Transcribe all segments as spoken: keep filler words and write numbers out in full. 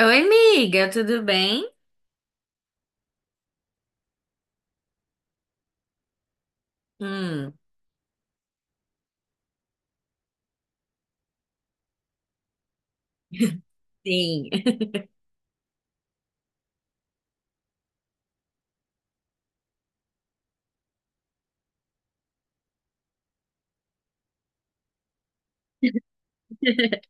Oi, amiga, tudo bem? Hum, sim.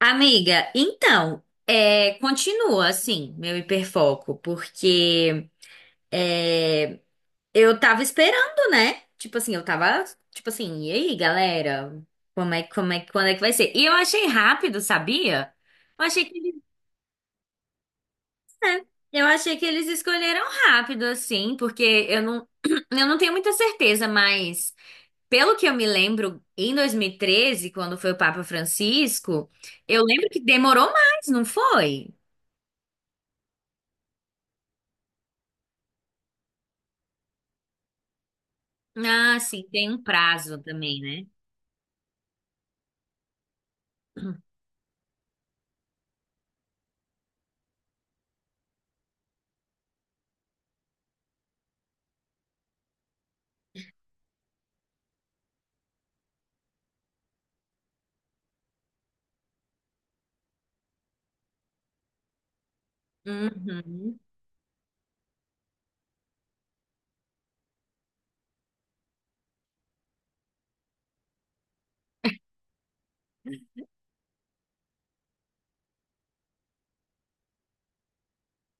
Amiga, então, é, continua assim, meu hiperfoco, porque é, eu tava esperando, né? Tipo assim, eu tava, tipo assim, e aí, galera? Como é, como é, quando é que vai ser? E eu achei rápido, sabia? Eu achei que eles, eu achei que eles escolheram rápido, assim, porque eu não, eu não tenho muita certeza, mas. Pelo que eu me lembro, em dois mil e treze, quando foi o Papa Francisco, eu lembro que demorou mais, não foi? Ah, sim, tem um prazo também, né? Uhum.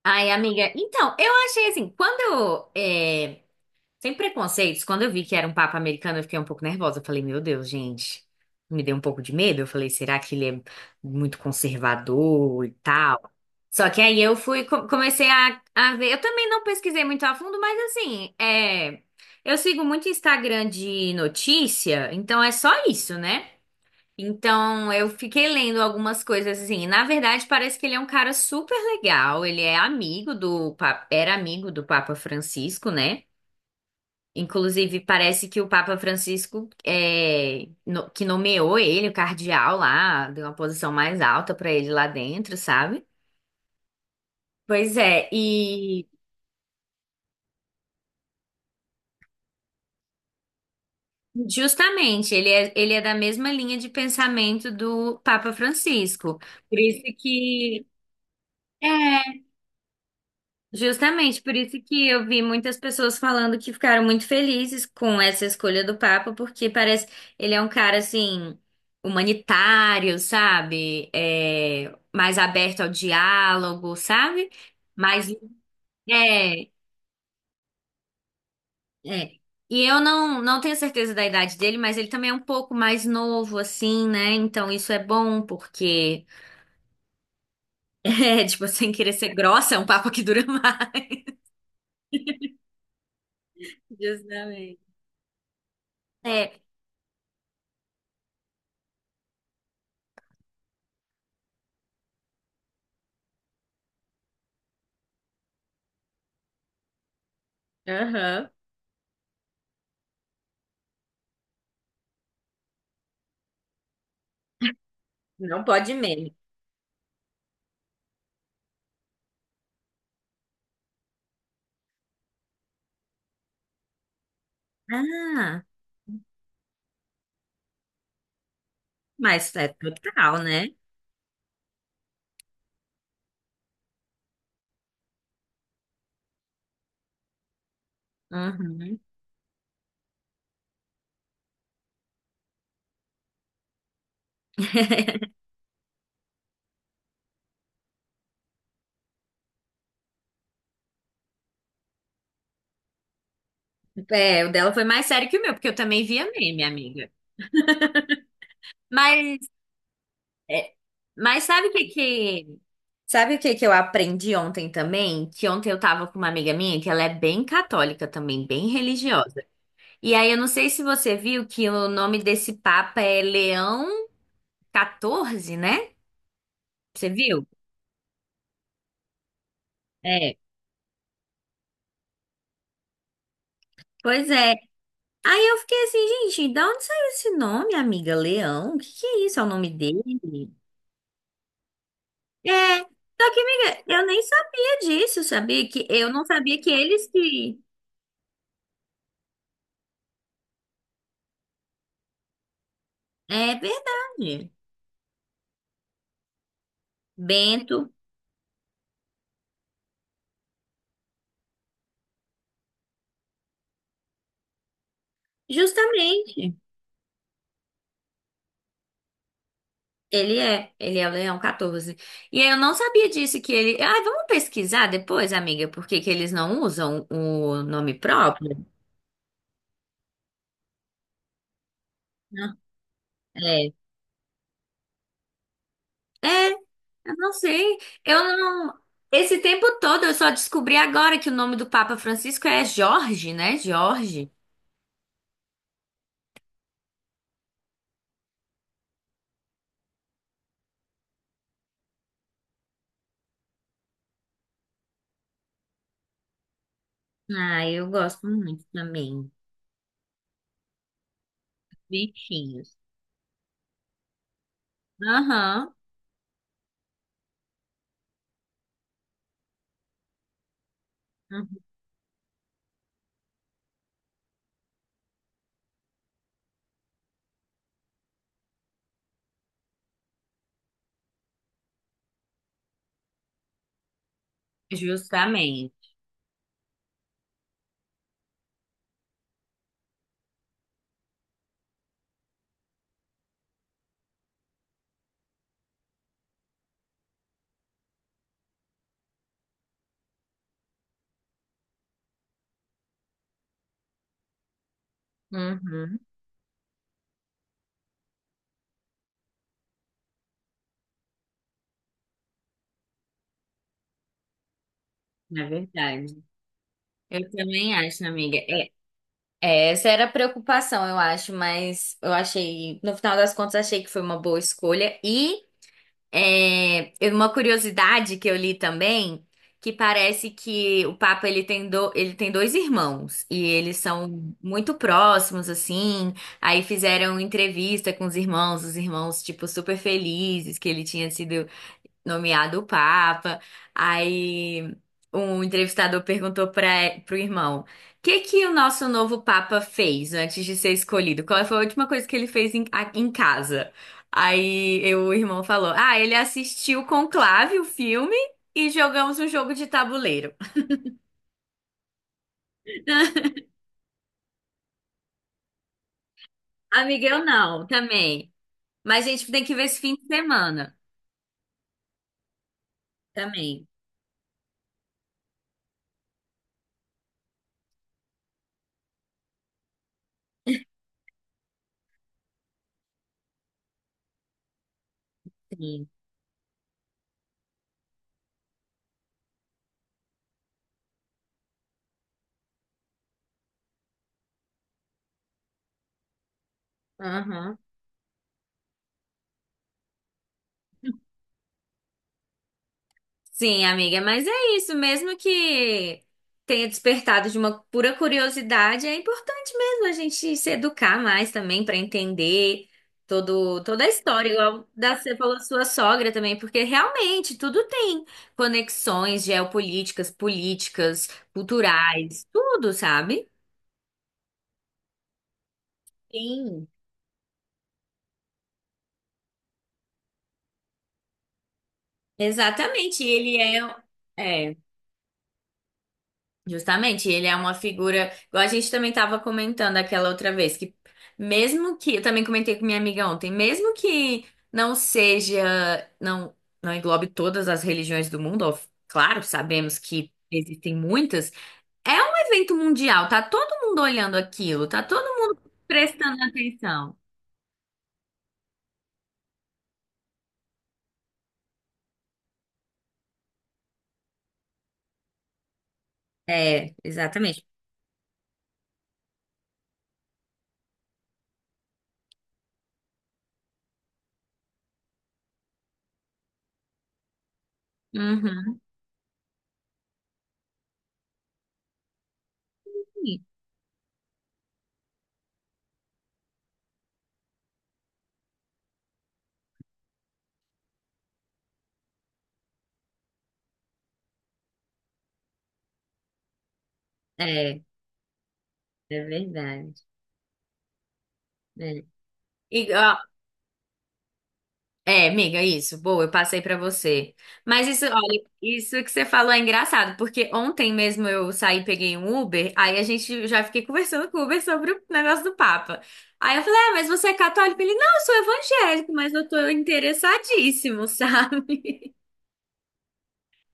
Ai, amiga, então, eu achei assim, quando é, sem preconceitos, quando eu vi que era um papa americano, eu fiquei um pouco nervosa. Eu falei, meu Deus, gente, me deu um pouco de medo. Eu falei, será que ele é muito conservador e tal? Só que aí eu fui, co- comecei a, a ver. Eu também não pesquisei muito a fundo, mas assim, é, eu sigo muito Instagram de notícia, então é só isso, né? Então eu fiquei lendo algumas coisas assim. Na verdade, parece que ele é um cara super legal. Ele é amigo do, papa, era amigo do Papa Francisco, né? Inclusive, parece que o Papa Francisco é, no- que nomeou ele, o cardeal lá, deu uma posição mais alta para ele lá dentro, sabe? Pois é, e justamente ele é, ele é da mesma linha de pensamento do Papa Francisco. Por isso que é, Justamente por isso que eu vi muitas pessoas falando que ficaram muito felizes com essa escolha do Papa, porque parece ele é um cara assim humanitário, sabe? É, mais aberto ao diálogo, sabe? Mais, é, é. E eu não não tenho certeza da idade dele, mas ele também é um pouco mais novo assim, né? Então isso é bom porque é, tipo, sem querer ser grossa, é um papo que dura mais. Justamente. É. Aham. Não pode menos. Ah, mas é total, né? Uhum. É, o dela foi mais sério que o meu, porque eu também via meme, amiga. Mas, é, mas sabe o que que... Sabe o que que eu aprendi ontem também? Que ontem eu tava com uma amiga minha, que ela é bem católica também, bem religiosa. E aí eu não sei se você viu que o nome desse papa é Leão quatorze, né? Você viu? É. Pois é, aí eu fiquei assim, gente, da onde saiu esse nome, amiga? Leão? O que que é isso? É o nome dele? É. Só que, amiga, eu nem sabia disso, sabia? Que eu não sabia que eles que. É verdade. Bento, justamente. Ele é, ele é o Leão quatorze. E eu não sabia disso que ele. Ah, vamos pesquisar depois, amiga, por que que eles não usam o nome próprio? Né? É. É, eu não sei. Eu não. Esse tempo todo eu só descobri agora que o nome do Papa Francisco é Jorge, né? Jorge. Ah, eu gosto muito também. Bichinhos. Aham. Uhum. Justamente. Uhum. É verdade. Eu também acho, amiga. É, é, essa era a preocupação, eu acho, mas eu achei, no final das contas, achei que foi uma boa escolha. E é, uma curiosidade que eu li também, que parece que o Papa ele tem, do, ele tem dois irmãos e eles são muito próximos assim. Aí fizeram entrevista com os irmãos, os irmãos tipo super felizes que ele tinha sido nomeado o Papa. Aí um entrevistador perguntou para pro irmão: "O que que o nosso novo Papa fez antes de ser escolhido? Qual foi a última coisa que ele fez em, a- em casa?" Aí eu- o irmão falou: "Ah, ele assistiu Conclave, o filme, e jogamos um jogo de tabuleiro." Amiga, eu não, também. Mas a gente tem que ver esse fim de semana também. Sim. Aham. Sim, amiga, mas é isso, mesmo que tenha despertado de uma pura curiosidade, é importante mesmo a gente se educar mais também para entender todo, toda a história, igual da, você falou da sua sogra também, porque realmente tudo tem conexões geopolíticas, políticas, culturais, tudo, sabe? Sim. Exatamente, ele é, é. Justamente, ele é uma figura, igual a gente também estava comentando aquela outra vez, que mesmo que, eu também comentei com minha amiga ontem, mesmo que não seja, não, não englobe todas as religiões do mundo, ó, claro, sabemos que existem muitas, é um evento mundial, tá todo mundo olhando aquilo, tá todo mundo prestando atenção. É, exatamente. Uhum. É, é verdade. É. E, ó, é, amiga, isso. Boa, eu passei pra você. Mas isso, olha, isso que você falou é engraçado, porque ontem mesmo eu saí, e peguei um Uber, aí a gente já fiquei conversando com o Uber sobre o negócio do Papa. Aí eu falei, ah, mas você é católico? Ele, não, eu sou evangélico, mas eu tô interessadíssimo, sabe?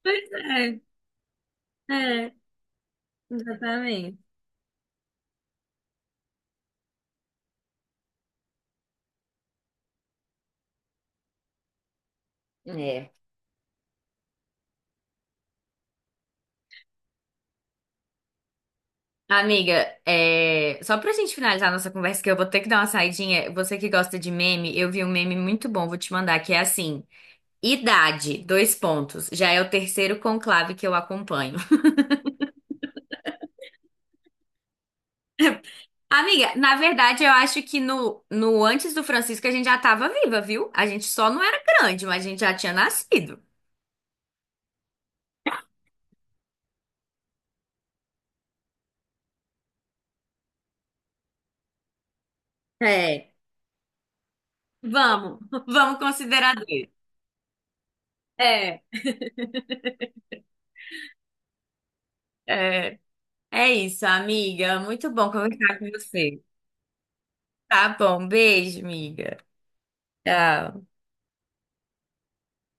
Pois é, é, exatamente. É. Amiga, é... só pra gente finalizar nossa conversa, que eu vou ter que dar uma saidinha. Você que gosta de meme, eu vi um meme muito bom, vou te mandar, que é assim. Idade, dois pontos. Já é o terceiro conclave que eu acompanho. Amiga, na verdade, eu acho que no, no antes do Francisco a gente já tava viva, viu? A gente só não era grande, mas a gente já tinha nascido. É. Vamos, vamos considerar dois. É, é. É isso, amiga. Muito bom conversar com você. Tá bom, beijo, amiga. Tchau.